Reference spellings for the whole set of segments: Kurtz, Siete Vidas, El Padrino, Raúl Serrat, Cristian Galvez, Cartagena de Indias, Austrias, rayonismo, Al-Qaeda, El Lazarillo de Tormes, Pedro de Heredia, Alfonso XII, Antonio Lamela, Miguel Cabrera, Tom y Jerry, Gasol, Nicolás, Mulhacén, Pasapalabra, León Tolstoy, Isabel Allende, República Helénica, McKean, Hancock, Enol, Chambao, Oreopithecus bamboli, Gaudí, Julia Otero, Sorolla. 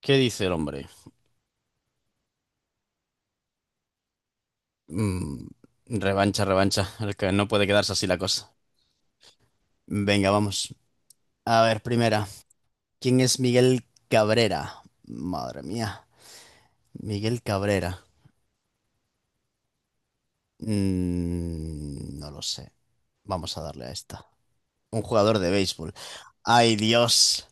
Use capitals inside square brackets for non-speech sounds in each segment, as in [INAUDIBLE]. ¿Qué dice el hombre? Mm, revancha, revancha. El que no puede quedarse así la cosa. Venga, vamos. A ver, primera. ¿Quién es Miguel Cabrera? Madre mía. Miguel Cabrera. No lo sé. Vamos a darle a esta. Un jugador de béisbol. ¡Ay, Dios!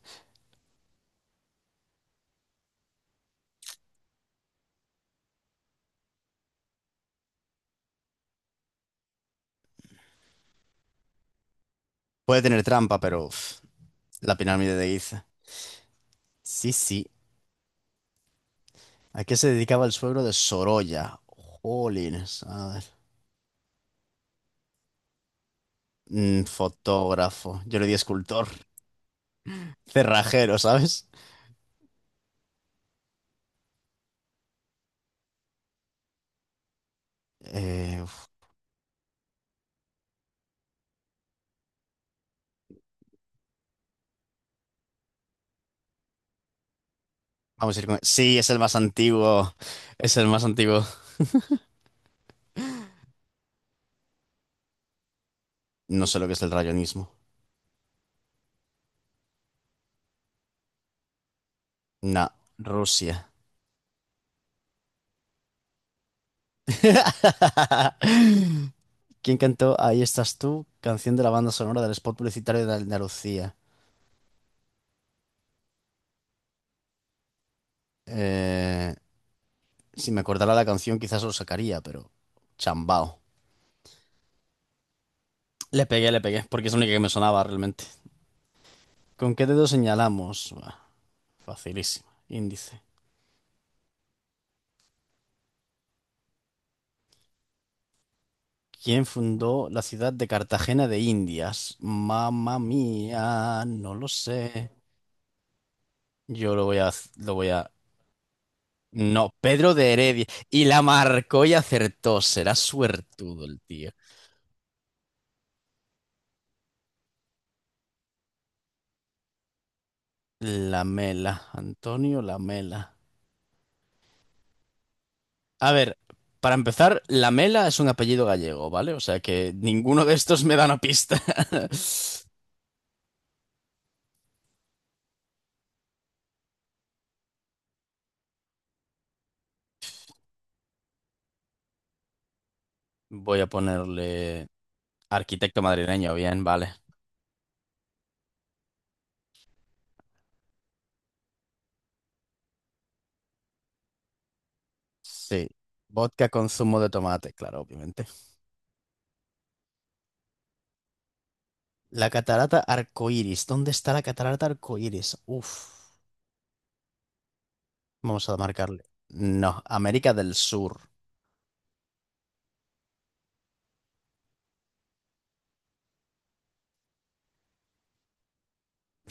Puede tener trampa, pero... uf, la pirámide de Giza. Sí, sí. ¿A qué se dedicaba el suegro de Sorolla? Jolines. A ver. Fotógrafo. Yo le di escultor. Cerrajero, ¿sabes? Eh, uf, vamos a ir con... Sí, es el más antiguo. Es el más antiguo. No sé lo que es el rayonismo. No, Rusia. [LAUGHS] ¿Quién cantó Ahí estás tú? Canción de la banda sonora del spot publicitario de Andalucía. Eh, si me acordara la canción, quizás lo sacaría, pero... Chambao. Le pegué, porque es la única que me sonaba realmente. ¿Con qué dedo señalamos? Buah, facilísimo. Índice. ¿Quién fundó la ciudad de Cartagena de Indias? Mamma mía, no lo sé. Yo lo voy a. No, Pedro de Heredia. Y la marcó y acertó. Será suertudo el tío. Lamela, Antonio Lamela. A ver, para empezar, Lamela es un apellido gallego, ¿vale? O sea que ninguno de estos me da una pista. [LAUGHS] Voy a ponerle arquitecto madrileño, bien, vale. Sí. Vodka con zumo de tomate, claro, obviamente. La catarata arcoíris. ¿Dónde está la catarata arcoíris? Uf. Vamos a marcarle. No, América del Sur.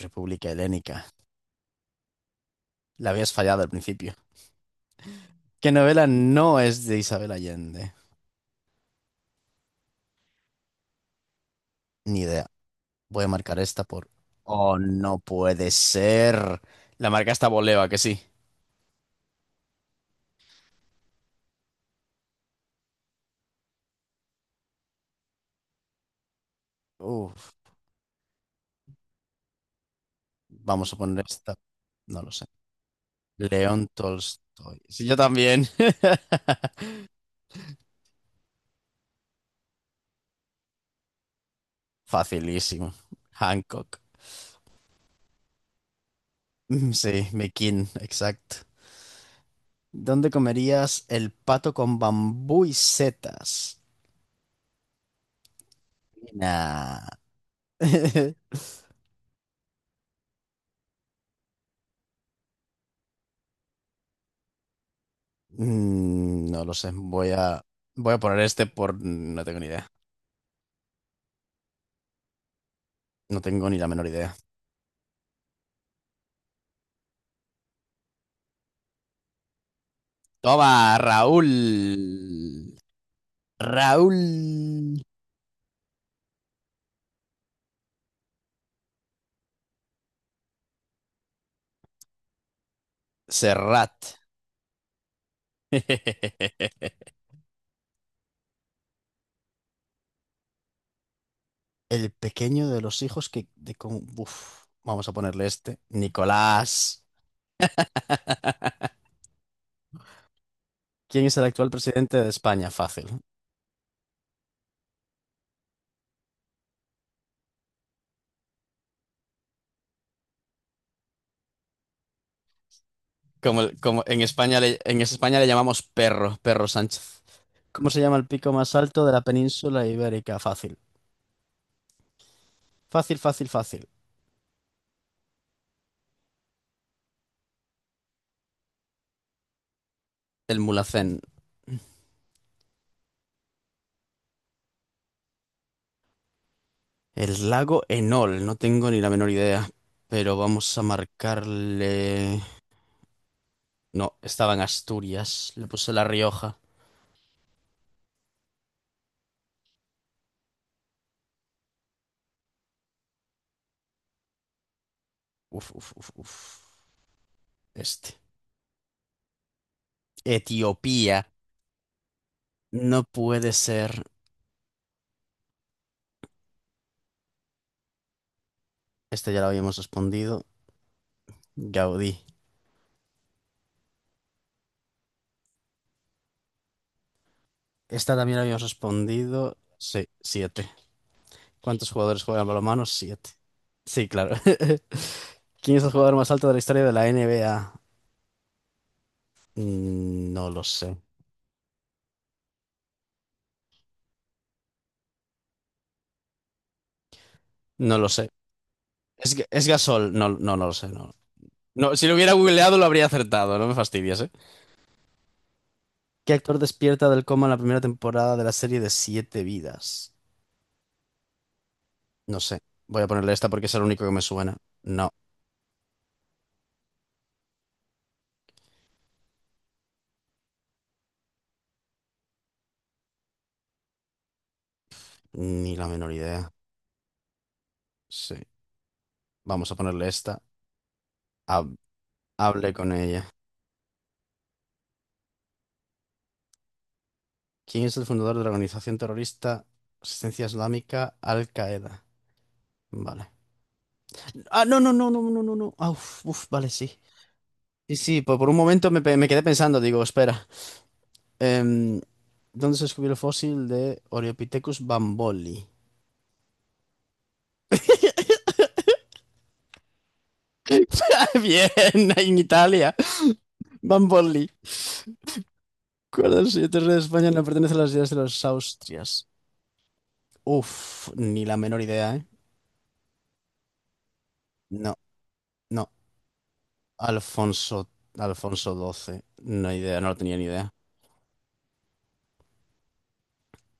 República Helénica. La habías fallado al principio. ¿Qué novela no es de Isabel Allende? Ni idea. Voy a marcar esta por... Oh, no puede ser. La marca está Boleva, que sí. Uf. Vamos a poner esta. No lo sé. León Tolstoy. Sí, yo también. [LAUGHS] Facilísimo. Hancock. Mm, sí, McKean, exacto. ¿Dónde comerías el pato con bambú y setas? Nah. [LAUGHS] No lo sé. Voy a poner este por... No tengo ni idea. No tengo ni la menor idea. Toma, Raúl. Raúl Serrat. [LAUGHS] El pequeño de los hijos que... De con... Uf, vamos a ponerle este. Nicolás. [LAUGHS] ¿Quién es el actual presidente de España? Fácil. Como en en España le llamamos perro, perro Sánchez. ¿Cómo se llama el pico más alto de la península ibérica? Fácil. Fácil, fácil, fácil. El Mulhacén. El lago Enol, no tengo ni la menor idea, pero vamos a marcarle... No, estaba en Asturias, le puse La Rioja. Uf, uf, uf, uf. Este. Etiopía. No puede ser. Este ya lo habíamos respondido. Gaudí. Esta también la habíamos respondido. Sí, sí. ¿Cuántos jugadores juegan balonmano? Siete. Sí, claro. [LAUGHS] ¿Quién es el jugador más alto de la historia de la NBA? Mm, no lo sé. No lo sé. ¿Es Gasol? No lo sé. No. No, si lo hubiera googleado lo habría acertado. No me fastidies, ¿eh? ¿Qué actor despierta del coma en la primera temporada de la serie de Siete Vidas? No sé. Voy a ponerle esta porque es el único que me suena. No, ni la menor idea. Sí. Vamos a ponerle esta. Hab- hable con ella. ¿Quién es el fundador de la organización terrorista Asistencia Islámica Al-Qaeda? Vale. Ah, no, no, no, no, no, no, no. Ah, uf, uf, vale, sí. Sí, sí, por un momento me quedé pensando, digo, espera. Em, ¿Dónde se descubrió el fósil de Oreopithecus bamboli? [LAUGHS] Bien, en Italia. Bamboli. ¿Cuál de los siete reyes de España no pertenece a las ideas de los Austrias? Uf, ni la menor idea, ¿eh? No, no. Alfonso, Alfonso XII. No idea, no lo tenía ni idea.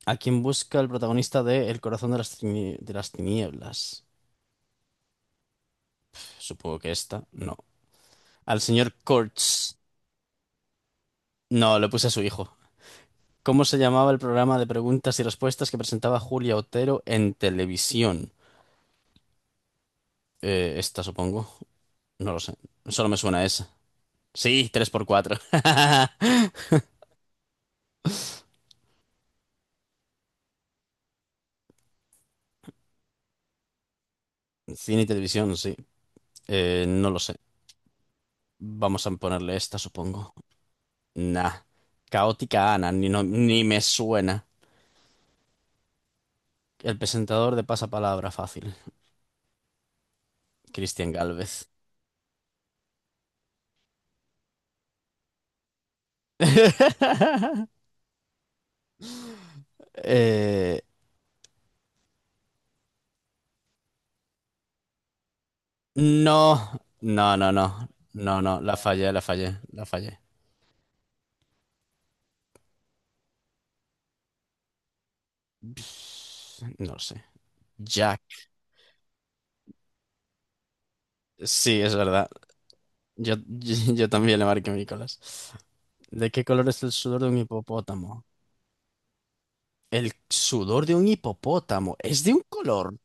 ¿A quién busca el protagonista de El corazón de de las tinieblas? Supongo que esta, no. Al señor Kurtz. No, le puse a su hijo. ¿Cómo se llamaba el programa de preguntas y respuestas que presentaba Julia Otero en televisión? Esta, supongo. No lo sé. Solo me suena a esa. Sí, tres por cuatro. [LAUGHS] Cine y televisión, sí. No lo sé. Vamos a ponerle esta, supongo. Nah. Caótica Ana, ni, no- ni me suena. El presentador de Pasapalabra, fácil. Cristian Galvez. [LAUGHS] Eh, no, no, no, no. No, no, la fallé, la fallé, la fallé. No lo sé. Jack. Sí, es verdad. [LAUGHS] Yo también le marqué Nicolás. ¿De qué color es el sudor de un hipopótamo? El sudor de un hipopótamo es de un color.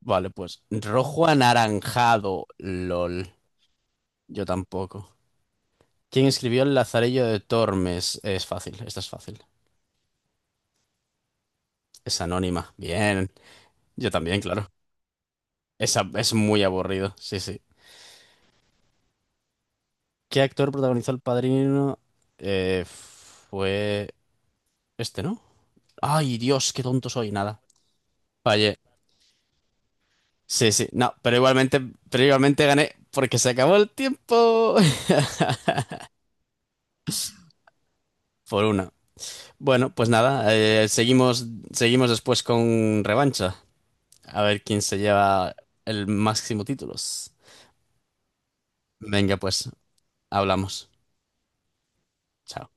Vale, pues rojo anaranjado. LOL. Yo tampoco. ¿Quién escribió El Lazarillo de Tormes? Es fácil, esta es fácil. Es anónima. Bien. Yo también, claro. Esa es muy aburrido. Sí, sí. ¿Qué actor protagonizó El Padrino? Fue este, ¿no? Ay, Dios, qué tonto soy. Nada. Oye. Sí, sí. No, pero igualmente gané porque se acabó el tiempo. [LAUGHS] Por una. Bueno, pues nada, seguimos, seguimos después con revancha. A ver quién se lleva el máximo títulos. Venga, pues, hablamos. Chao.